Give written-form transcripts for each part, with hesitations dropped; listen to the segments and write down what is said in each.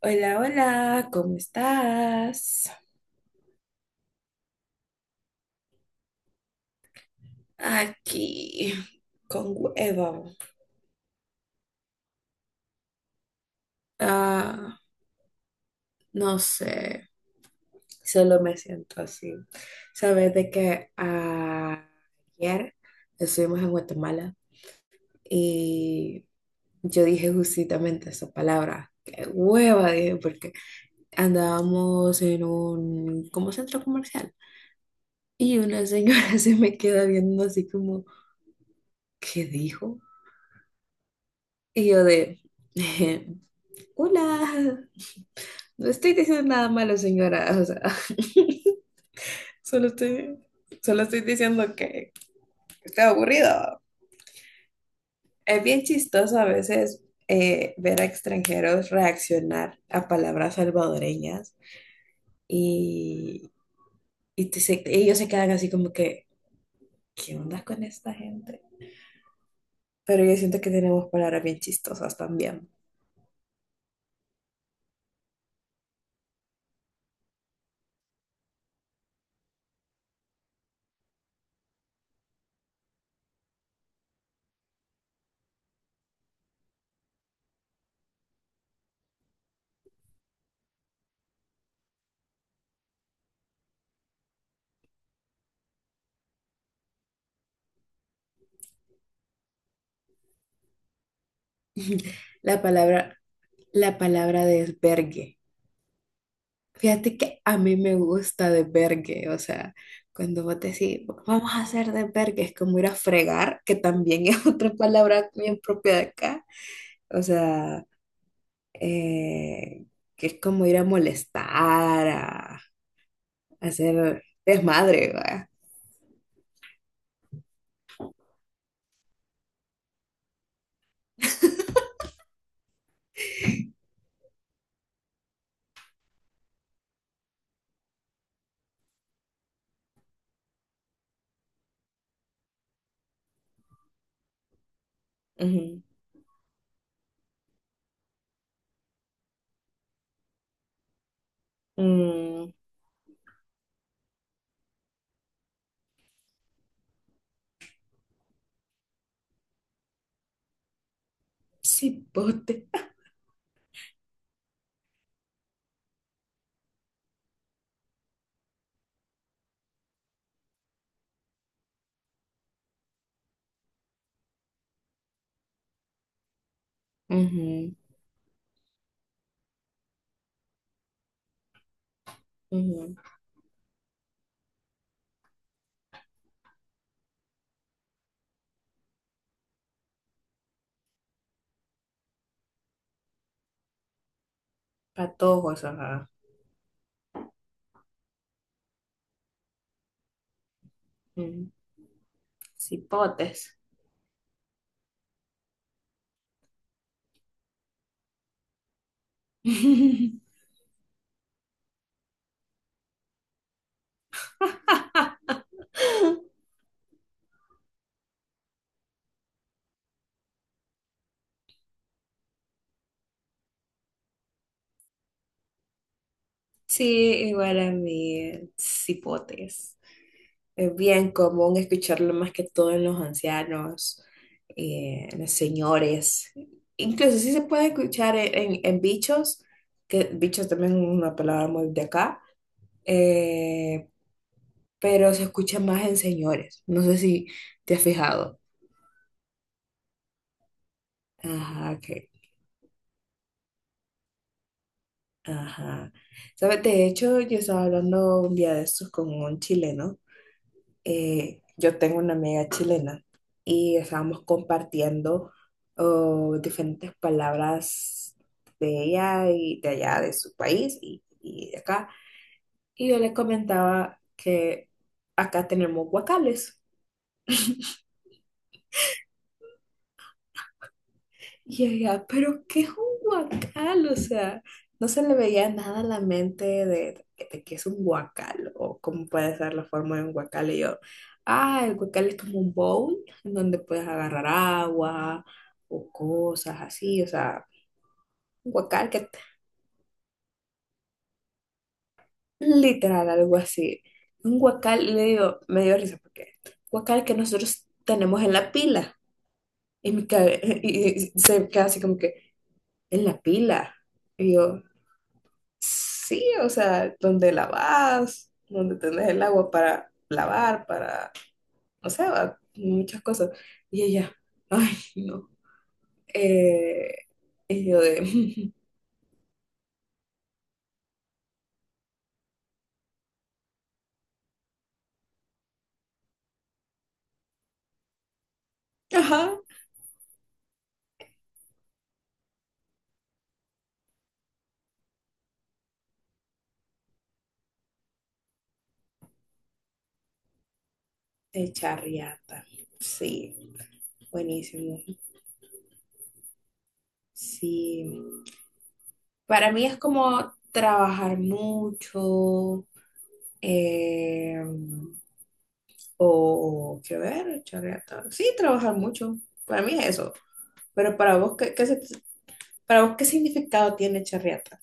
Hola, hola, ¿cómo estás? Aquí, con huevo. Ah, no sé, solo me siento así. Sabes de que ayer estuvimos en Guatemala y yo dije justamente esa palabra. Qué hueva, dije, porque andábamos en un como centro comercial y una señora se me queda viendo así como, ¿qué dijo? Y yo de... Hola, no estoy diciendo nada malo, señora. O sea, solo estoy, solo estoy diciendo que está aburrido. Es bien chistoso a veces ver a extranjeros reaccionar a palabras salvadoreñas y, ellos se quedan así como que, ¿qué onda con esta gente? Pero yo siento que tenemos palabras bien chistosas también. La palabra la palabra desvergue. Fíjate que a mí me gusta desvergue, o sea, cuando vos decís, vamos a hacer desvergue, es como ir a fregar, que también es otra palabra bien propia de acá, o sea, eh, que es como ir a molestar, a hacer desmadre, ¿verdad? Ujú. Mm, cipote. Ujú, ujú. Patojos, ajá. Ujú. Cipotes. Sí, igual a mí, cipotes. Es bien común escucharlo más que todo en los ancianos, en los señores. Incluso sí se puede escuchar en, en bichos, que bichos también es una palabra muy de acá, eh, pero se escucha más en señores. No sé si te has fijado. Ajá, que, ajá. ¿Sabes? De hecho, yo estaba hablando un día de estos con un chileno. Yo tengo una amiga chilena y estábamos compartiendo oh, diferentes palabras de ella y de allá, de su país y de acá. Y yo le comentaba que acá tenemos guacales. Y ella, pero qué es un guacal, o sea, no se le veía nada a la mente de que es un guacal o cómo puede ser la forma de un guacal. Y yo, ah, el guacal es como un bowl en donde puedes agarrar agua o cosas así, o sea, un guacal que literal algo así. Un guacal, y le digo, me dio risa porque guacal que nosotros tenemos en la pila. Y, se queda así como que, en la pila. Y yo, sí, o sea, donde lavas, donde tenés el agua para lavar, para, no sé, va, muchas cosas. Y ella, ay, no. Eh, y yo de, ajá, el charriata. Sí, buenísimo. Sí, para mí es como trabajar mucho, eh, o, qué ver, charriata. Sí, trabajar mucho. Para mí es eso. Pero para vos, ¿Para vos qué significado tiene chorriata?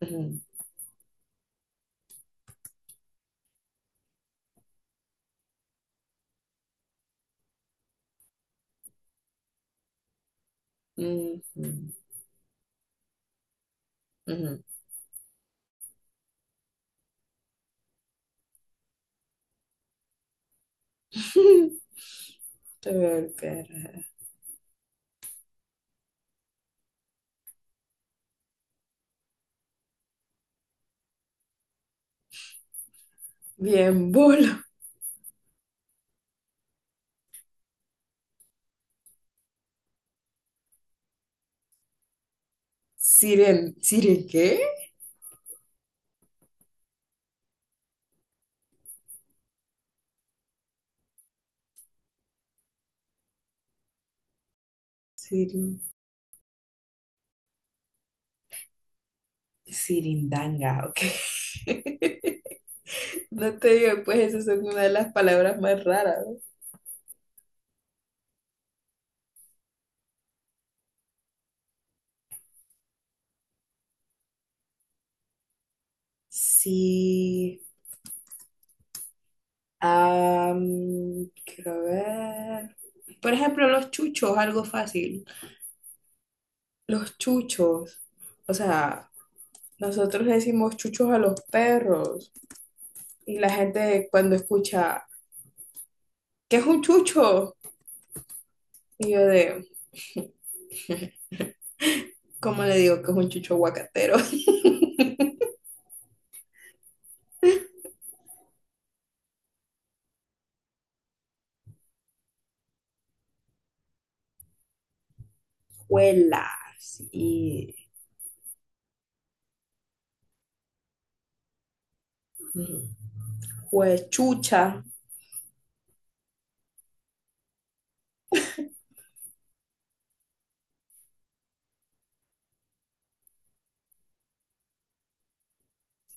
Ujú, ujú, ujú. Torperra. Bien, bolo. Siren, ¿siren qué? Sirin, sirindanga, ok. No te digo, pues esas son una de las palabras más raras. ¿No? Sí. Am, quiero ver. Por ejemplo, los chuchos, algo fácil. Los chuchos. O sea, nosotros decimos chuchos a los perros. Y la gente cuando escucha, ¿qué es un chucho? Y yo de, ¿cómo le digo que es un chucho aguacatero? Juelas y juechucha,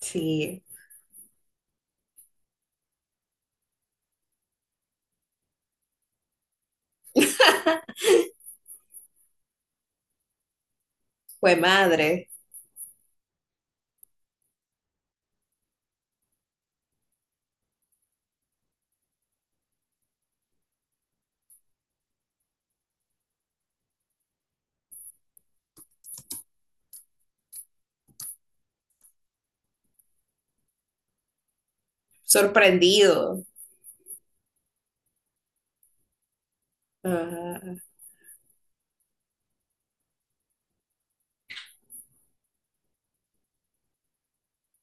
sí, fue madre, sorprendido, ajá,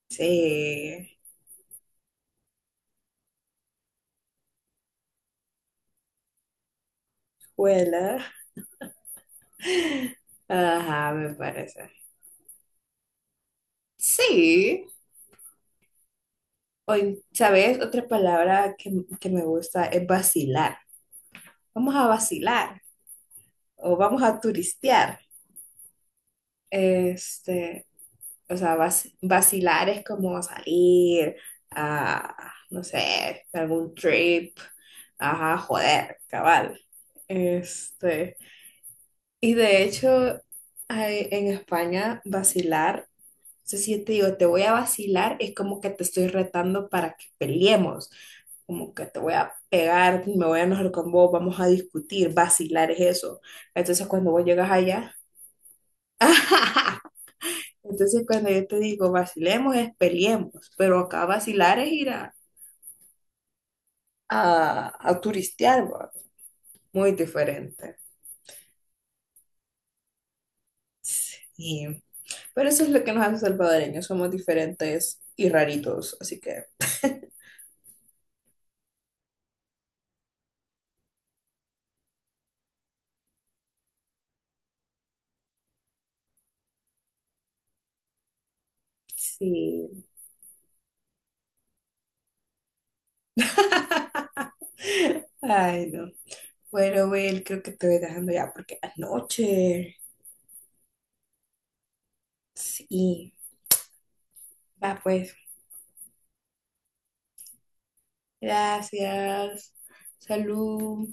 sí, juela, ajá, me parece. Sí, o, ¿sabes? Otra palabra que me gusta es vacilar. Vamos a vacilar o vamos a turistear. Este, o sea, vacilar es como salir a, no sé, algún trip, ajá, joder, cabal. Este, y de hecho, en España, vacilar, o sea, si yo te digo, te voy a vacilar, es como que te estoy retando para que peleemos, como que te voy a pegar, me voy a enojar con vos, vamos a discutir, vacilar es eso. Entonces, cuando vos llegas allá, entonces, cuando yo te digo vacilemos, es peleemos, pero acá vacilar es ir a, a turistear, ¿va? Muy diferente. Sí. Pero eso es lo que nos hace salvadoreños, somos diferentes y raritos, así que sí. Ay, no. Bueno, Will, creo que te voy dejando ya porque es noche. Sí. Va, pues. Gracias. Salud.